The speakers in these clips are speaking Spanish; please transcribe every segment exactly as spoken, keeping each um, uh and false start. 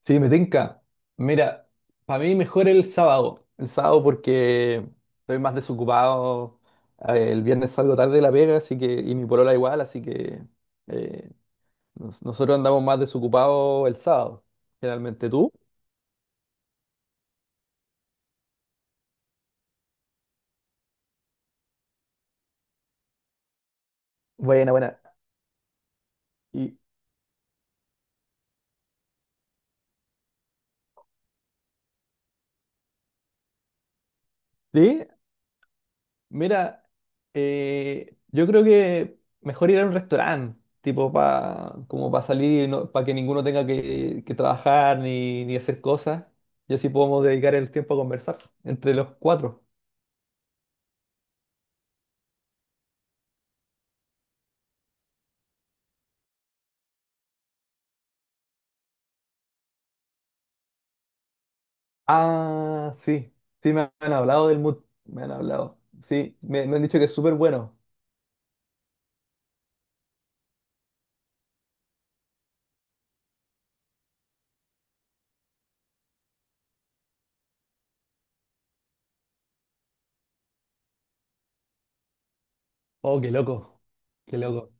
Sí, me tinca. Mira, para mí mejor el sábado. El sábado porque estoy más desocupado. A ver, el viernes salgo tarde de la pega, así que, y mi polola igual, así que eh, nos- nosotros andamos más desocupados el sábado, generalmente tú. Buena, buena. Y, ¿sí? Mira, eh, yo creo que mejor ir a un restaurante, tipo pa, como para salir y no, para que ninguno tenga que, que trabajar ni, ni hacer cosas. Y así podemos dedicar el tiempo a conversar entre los cuatro. Ah, sí, sí, me han hablado del mood, me han hablado. Sí, me, me han dicho que es súper bueno. Oh, qué loco, qué loco.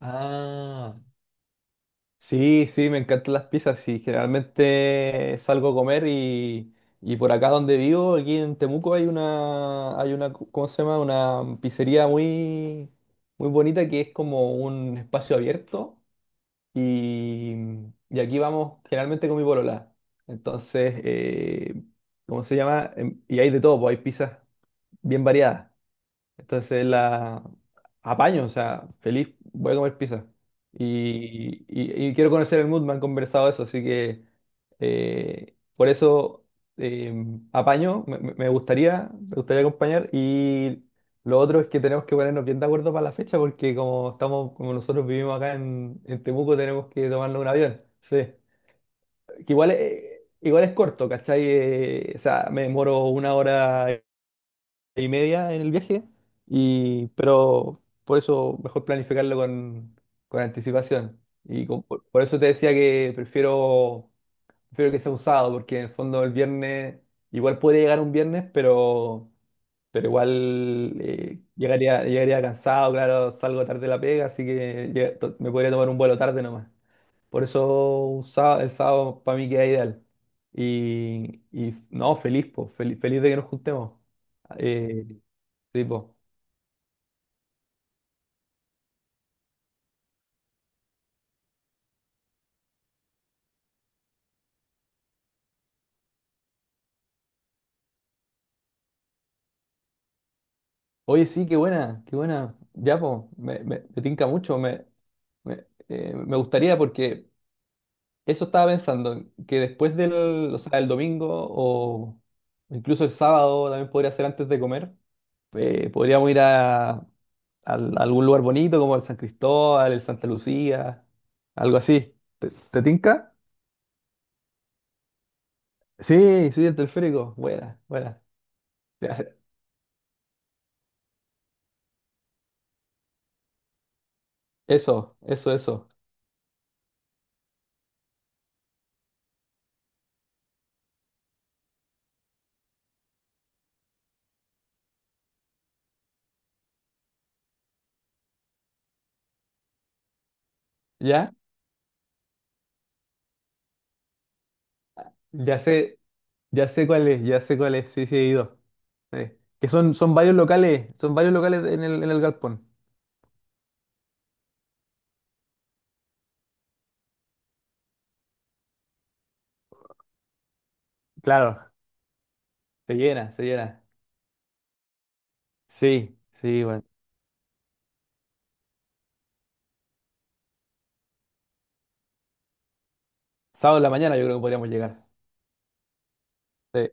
Ah, sí, sí, me encantan las pizzas. Sí, generalmente salgo a comer y, y por acá donde vivo, aquí en Temuco, hay una, hay una, ¿cómo se llama? Una pizzería muy, muy bonita que es como un espacio abierto y, y aquí vamos generalmente con mi polola. Entonces, eh, ¿cómo se llama? Em, Y hay de todo, pues hay pizzas bien variadas. Entonces la apaño, o sea, feliz, voy a comer pizza. Y, y- y quiero conocer el mood, me han conversado eso, así que eh, por eso eh, apaño, me, me- me gustaría, me gustaría acompañar. Y lo otro es que tenemos que ponernos bien de acuerdo para la fecha, porque como estamos, como nosotros vivimos acá en, en Temuco, tenemos que tomarnos un avión. Sí. Que igual es, igual es corto, ¿cachai? Eh, o sea, me demoro una hora y media en el viaje, y, pero por eso mejor planificarlo con, con anticipación. Y con- por, por eso te decía que prefiero, prefiero que sea un sábado, porque en el fondo el viernes, igual puede llegar un viernes, pero, pero igual eh, llegaría, llegaría cansado, claro, salgo tarde de la pega, así que llega- to- me podría tomar un vuelo tarde nomás. Por eso un sá- el sábado para mí queda ideal. Y, y no, feliz, po, fel- feliz de que nos juntemos. Eh, Sí, po. Oye, sí, qué buena, qué buena. Ya, po, me, me, me tinca mucho. Me, me, eh, me gustaría porque eso estaba pensando, que después del, o sea, el domingo o incluso el sábado también podría ser antes de comer. eh, podríamos ir a, al algún lugar bonito como el San Cristóbal, el Santa Lucía, algo así. ¿Te, te tinca? Sí, sí, el teleférico. Buena, buena. Ya sé. Eso, eso, eso. ¿Ya? Ya sé. Ya sé cuál es, ya sé cuál es, sí, sí he ido. Eh, que son, son varios locales, son varios locales en el, en el galpón. Claro, se llena, se llena. Sí, sí, bueno. Sábado en la mañana yo creo que podríamos llegar. Sí,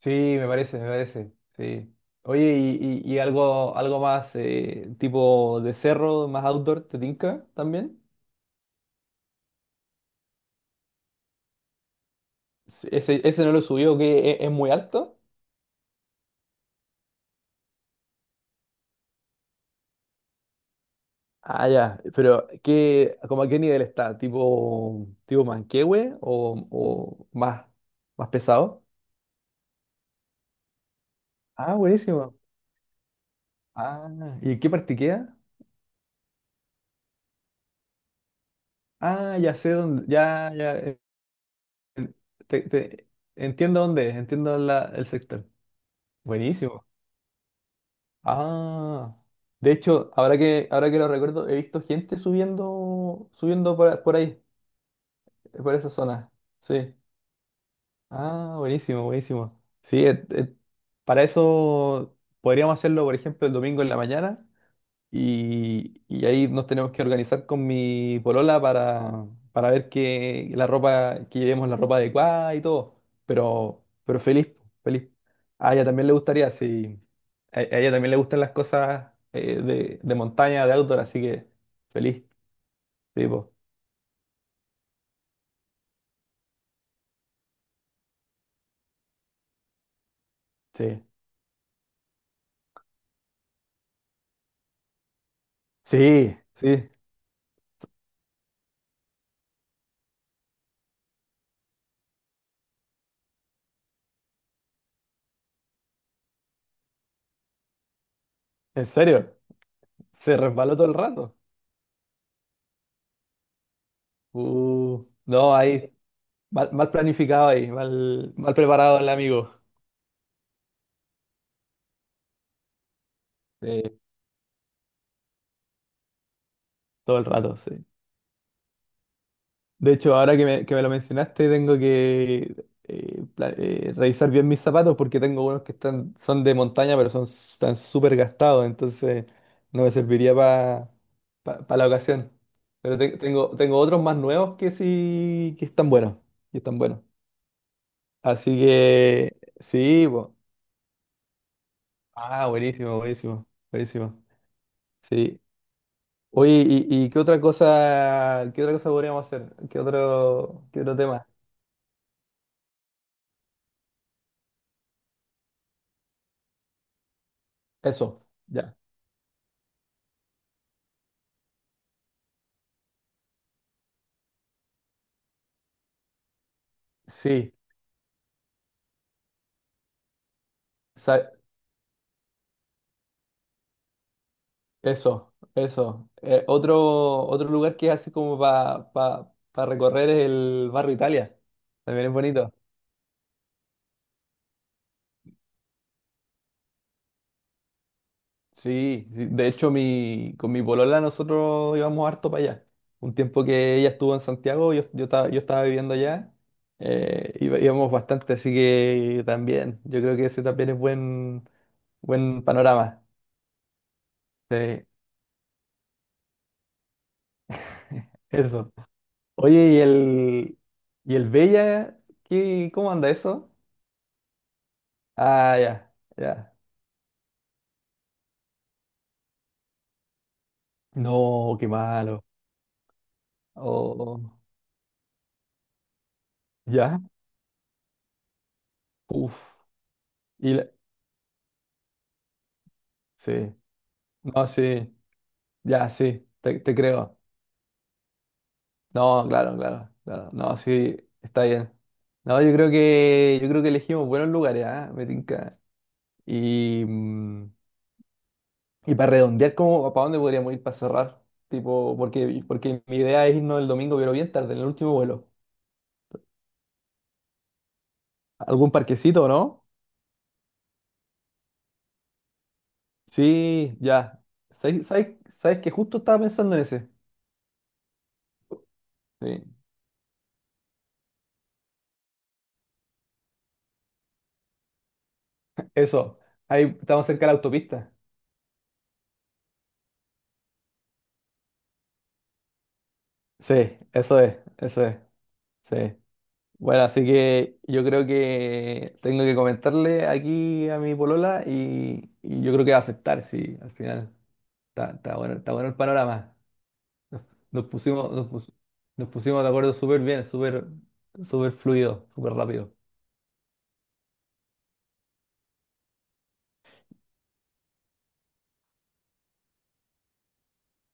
sí, me parece, me parece, sí. Oye, y, y- y algo, algo más eh, tipo de cerro, más outdoor, ¿te tinca también? Sí, Ese, ese no lo subió que es, es muy alto. Ah, ya, pero ¿qué, como a qué nivel está? ¿Tipo, tipo Manquehue o, o más, más pesado? Ah, buenísimo. Ah, ¿y en qué parte queda? Ah, ya sé dónde, ya, ya, eh, te- te- entiendo dónde es, entiendo la- el sector. Buenísimo. Ah, de hecho, ahora que, ahora que lo recuerdo, he visto gente subiendo, subiendo por, por ahí, por esa zona. Sí. Ah, buenísimo, buenísimo. Sí, eh, eh, para eso podríamos hacerlo, por ejemplo, el domingo en la mañana y, y ahí nos tenemos que organizar con mi polola para, para ver que la ropa, que llevemos la ropa adecuada y todo. Pero, pero feliz, feliz. A ella también le gustaría, sí. A, a ella también le gustan las cosas eh, de, de montaña, de outdoor, así que feliz, tipo. Sí. Sí, sí, sí, en serio. Se resbaló todo el rato. Uh, no, ahí, mal, mal planificado ahí, mal, mal preparado el amigo, eh, todo el rato, sí. De hecho, ahora que me, que me lo mencionaste, tengo que eh, pla- eh, revisar bien mis zapatos porque tengo unos que están, son de montaña, pero son, s- están súper gastados, entonces no me serviría para la ocasión. Pero te- tengo, tengo otros más nuevos que sí, que están buenos, que están buenos. Así que, sí, po. Ah, buenísimo, buenísimo, buenísimo. Sí, oye, ¿y, y qué otra cosa, qué otra cosa podríamos hacer. ¿Qué otro, qué otro tema? Eso, ya. Sí, sa- eso, eso. Eh, otro, otro lugar que es así como para recorrer es el barrio Italia. También es bonito. Sí, sí, de hecho mi, con mi polola nosotros íbamos harto para allá. Un tiempo que ella estuvo en Santiago, yo, yo, estaba, yo estaba viviendo allá, eh, iba- íbamos bastante, así que también, yo creo que ese también es buen, buen panorama. Sí, eso. Oye, ¿y el, y el Bella? ¿Qué, cómo anda eso? Ah, ya, ya. No, qué malo. Oh, ya, uf. Y la- sí, no, sí, ya, sí, te, te creo. No, claro, claro, claro. No, sí, está bien. No, yo creo que, yo creo que elegimos buenos lugares, ¿ah? Me tinca. Y, mm, y para redondear, ¿cómo, para dónde podríamos ir para cerrar? Tipo, porque, porque mi idea es irnos el domingo, pero bien tarde, en el último vuelo. ¿Algún parquecito, no? Sí, ya. ¿Sabes, sabes, sabes que justo estaba pensando en ese? Sí. Eso. Ahí estamos cerca de la autopista. Sí, eso es, eso es. Sí. Bueno, así que yo creo que tengo que comentarle aquí a mi polola y, y yo creo que va a aceptar, sí, al final. Está, está bueno, está bueno el panorama. Nos pusimos, nos pus- nos pusimos de acuerdo súper bien, súper, súper fluido, súper rápido.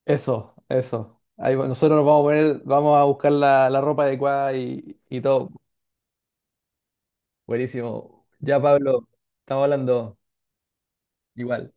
Eso, eso. Ahí va- nosotros nos vamos a poner, vamos a buscar la, la ropa adecuada y, y todo. Buenísimo. Ya, Pablo, estamos hablando igual.